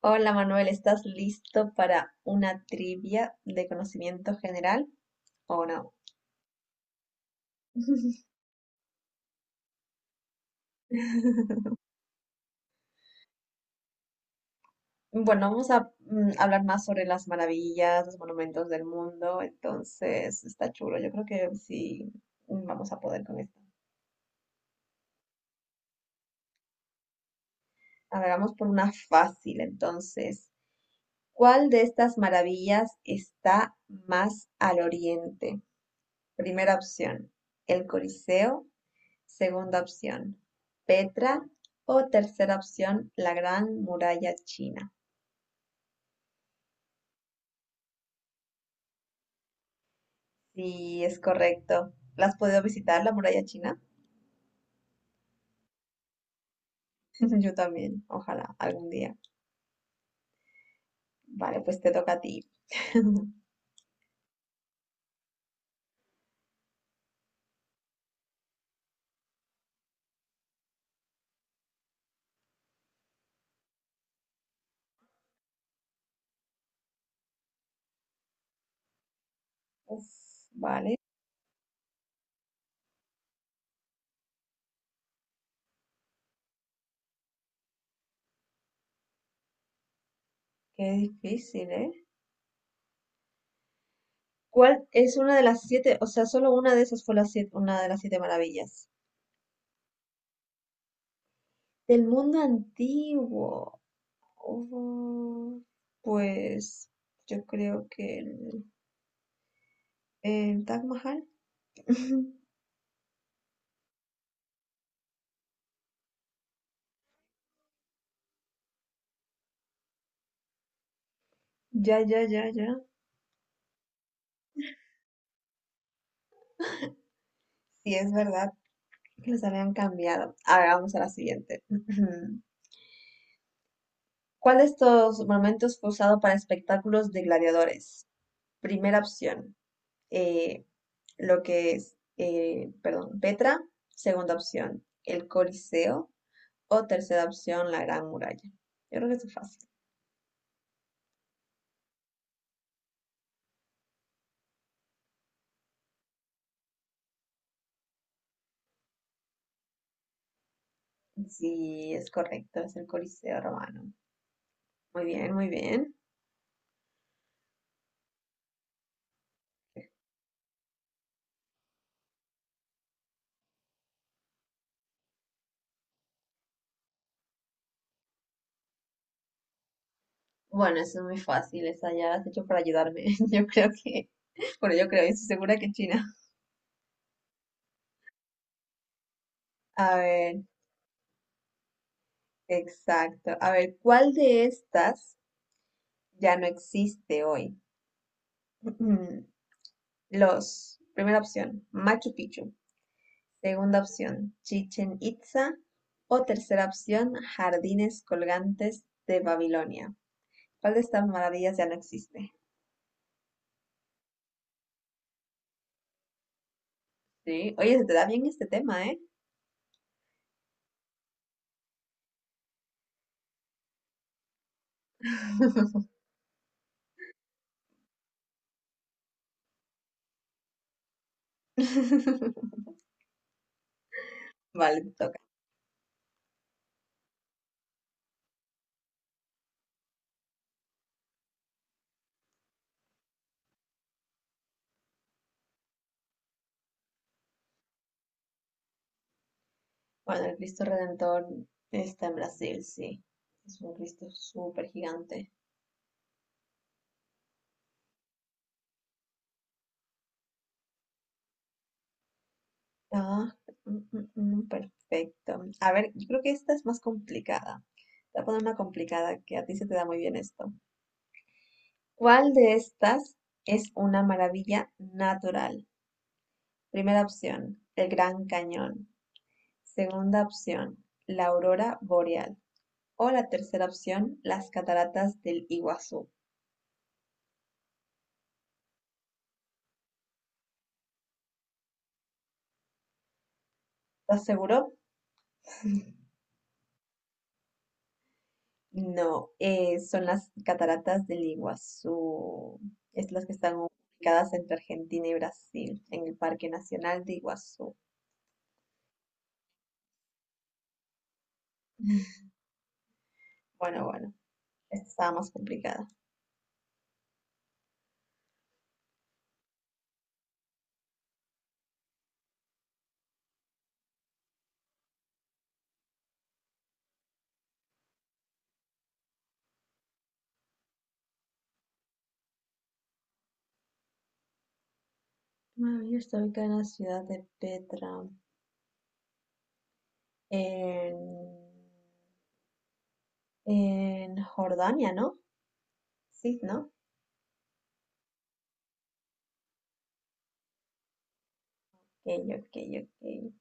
Hola Manuel, ¿estás listo para una trivia de conocimiento general o no? Bueno, vamos a hablar más sobre las maravillas, los monumentos del mundo, entonces está chulo, yo creo que sí. Vamos a poder con esto. A ver, vamos por una fácil, entonces, ¿cuál de estas maravillas está más al oriente? Primera opción, el Coliseo. Segunda opción, Petra, o tercera opción, la Gran Muralla China. Sí, es correcto. ¿La has podido visitar, la Muralla China? Yo también, ojalá, algún día. Vale, pues te toca a ti. Uf, vale, qué difícil, ¿eh? ¿Cuál es una de las siete? O sea, solo una de esas fue una de las siete maravillas. Del mundo antiguo. Oh, pues yo creo que el Taj Mahal. Ya, ya, ya, ya. Sí, es verdad que los habían cambiado. A ver, vamos a la siguiente. ¿Cuál de estos momentos fue usado para espectáculos de gladiadores? Primera opción, eh, lo que es, perdón, Petra. Segunda opción, el Coliseo. O tercera opción, la Gran Muralla. Yo creo que eso es fácil. Sí, es correcto, es el Coliseo romano. Muy bien, muy bien. Bueno, eso es muy fácil, esa ya la has hecho para ayudarme. Yo creo que, bueno, yo creo, yo estoy segura que China. A ver, exacto. A ver, ¿cuál de estas ya no existe hoy? Primera opción, Machu Picchu. Segunda opción, Chichen Itza. O tercera opción, Jardines Colgantes de Babilonia. ¿Cuál de estas maravillas ya no existe? Sí, oye, se te da bien este tema, ¿eh? Vale, te toca. Bueno, el Cristo Redentor está en Brasil, sí. Es un Cristo súper gigante. Ah, perfecto. A ver, yo creo que esta es más complicada. Te voy a poner una complicada que a ti se te da muy bien esto. ¿Cuál de estas es una maravilla natural? Primera opción, el Gran Cañón. Segunda opción, la aurora boreal. O la tercera opción, las cataratas del Iguazú. ¿Estás seguro? No, son las cataratas del Iguazú. Es las que están ubicadas entre Argentina y Brasil, en el Parque Nacional de Iguazú. Bueno, bueno, esta estaba más complicada. Maravilla está ubicada en la ciudad de Petra, en, en Jordania, ¿no? Sí, ¿no? Ok, ok, ok.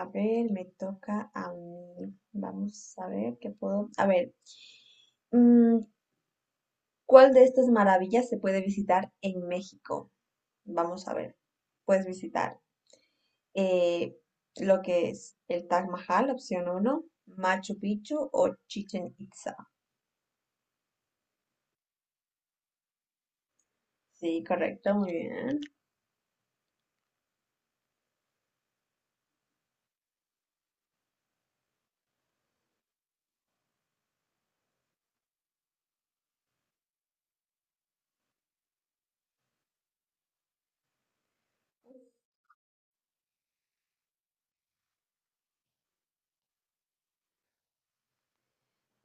A ver, me toca a mí. Vamos a ver qué puedo. A ver. ¿Cuál de estas maravillas se puede visitar en México? Vamos a ver. Puedes visitar eh, lo que es el Taj Mahal, opción uno, Machu Picchu o Chichen Itza. Sí, correcto, muy bien.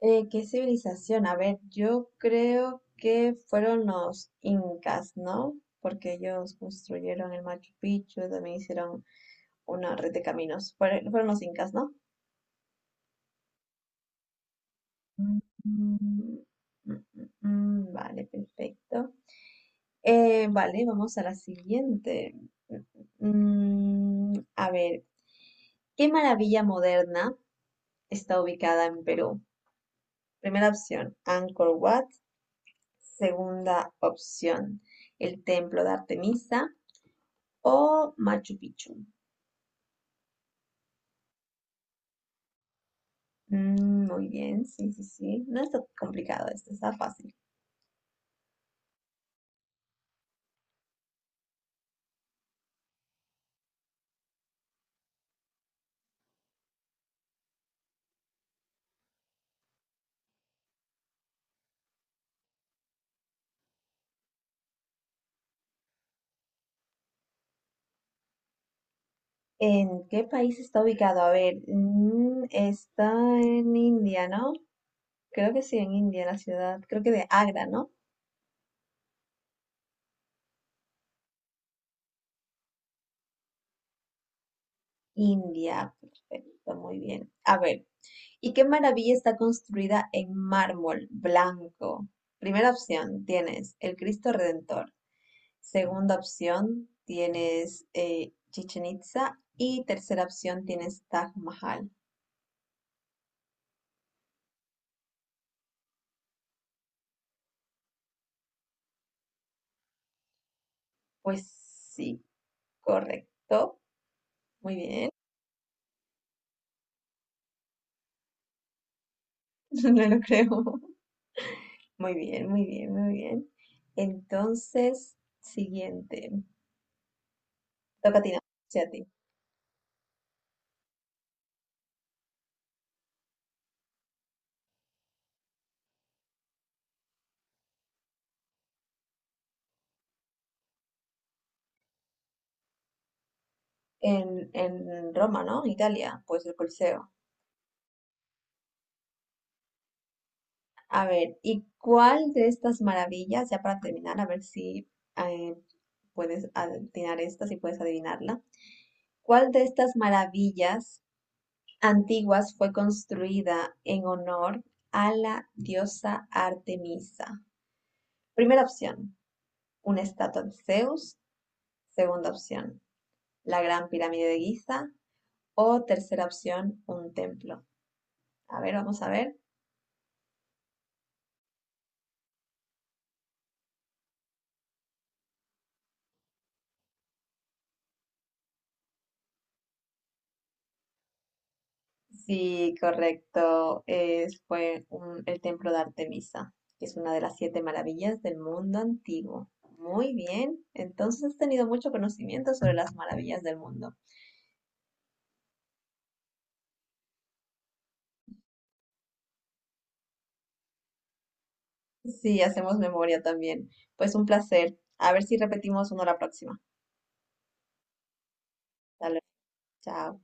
¿Qué civilización? A ver, yo creo que fueron los incas, ¿no? Porque ellos construyeron el Machu Picchu, también hicieron una red de caminos. Fueron los incas, ¿no? Mm, mm, mm, mm, vale, perfecto. Vale, vamos a la siguiente. Mm, a ver, ¿qué maravilla moderna está ubicada en Perú? Primera opción, Angkor Wat. Segunda opción, el Templo de Artemisa, o Machu Picchu. Mm, muy bien, sí, sí, sí. No está complicado esto, está fácil. ¿En qué país está ubicado? A ver, está en India, ¿no? Creo que sí, en India, la ciudad, creo que de Agra, ¿no? India, perfecto, muy bien. A ver, ¿y qué maravilla está construida en mármol blanco? Primera opción, tienes el Cristo Redentor. Segunda opción, tienes Chichen Itza. Y tercera opción, tienes Taj Mahal. Pues sí, correcto. Muy bien, no lo creo. Muy bien, muy bien, muy bien. Entonces, siguiente. Toca a ti, ¿no? Sí, a ti. En Roma, ¿no? Italia, pues el Coliseo. A ver, ¿y cuál de estas maravillas, ya para terminar, a ver si eh, puedes adivinar esta, si puedes adivinarla? ¿Cuál de estas maravillas antiguas fue construida en honor a la diosa Artemisa? Primera opción, una estatua de Zeus. Segunda opción, la Gran Pirámide de Giza. O tercera opción, un templo. A ver, vamos a ver. Sí, correcto. El templo de Artemisa, que es una de las siete maravillas del mundo antiguo. Muy bien. Entonces has tenido mucho conocimiento sobre las maravillas del mundo. Sí, hacemos memoria también. Pues un placer. A ver si repetimos uno la próxima. Dale, chao.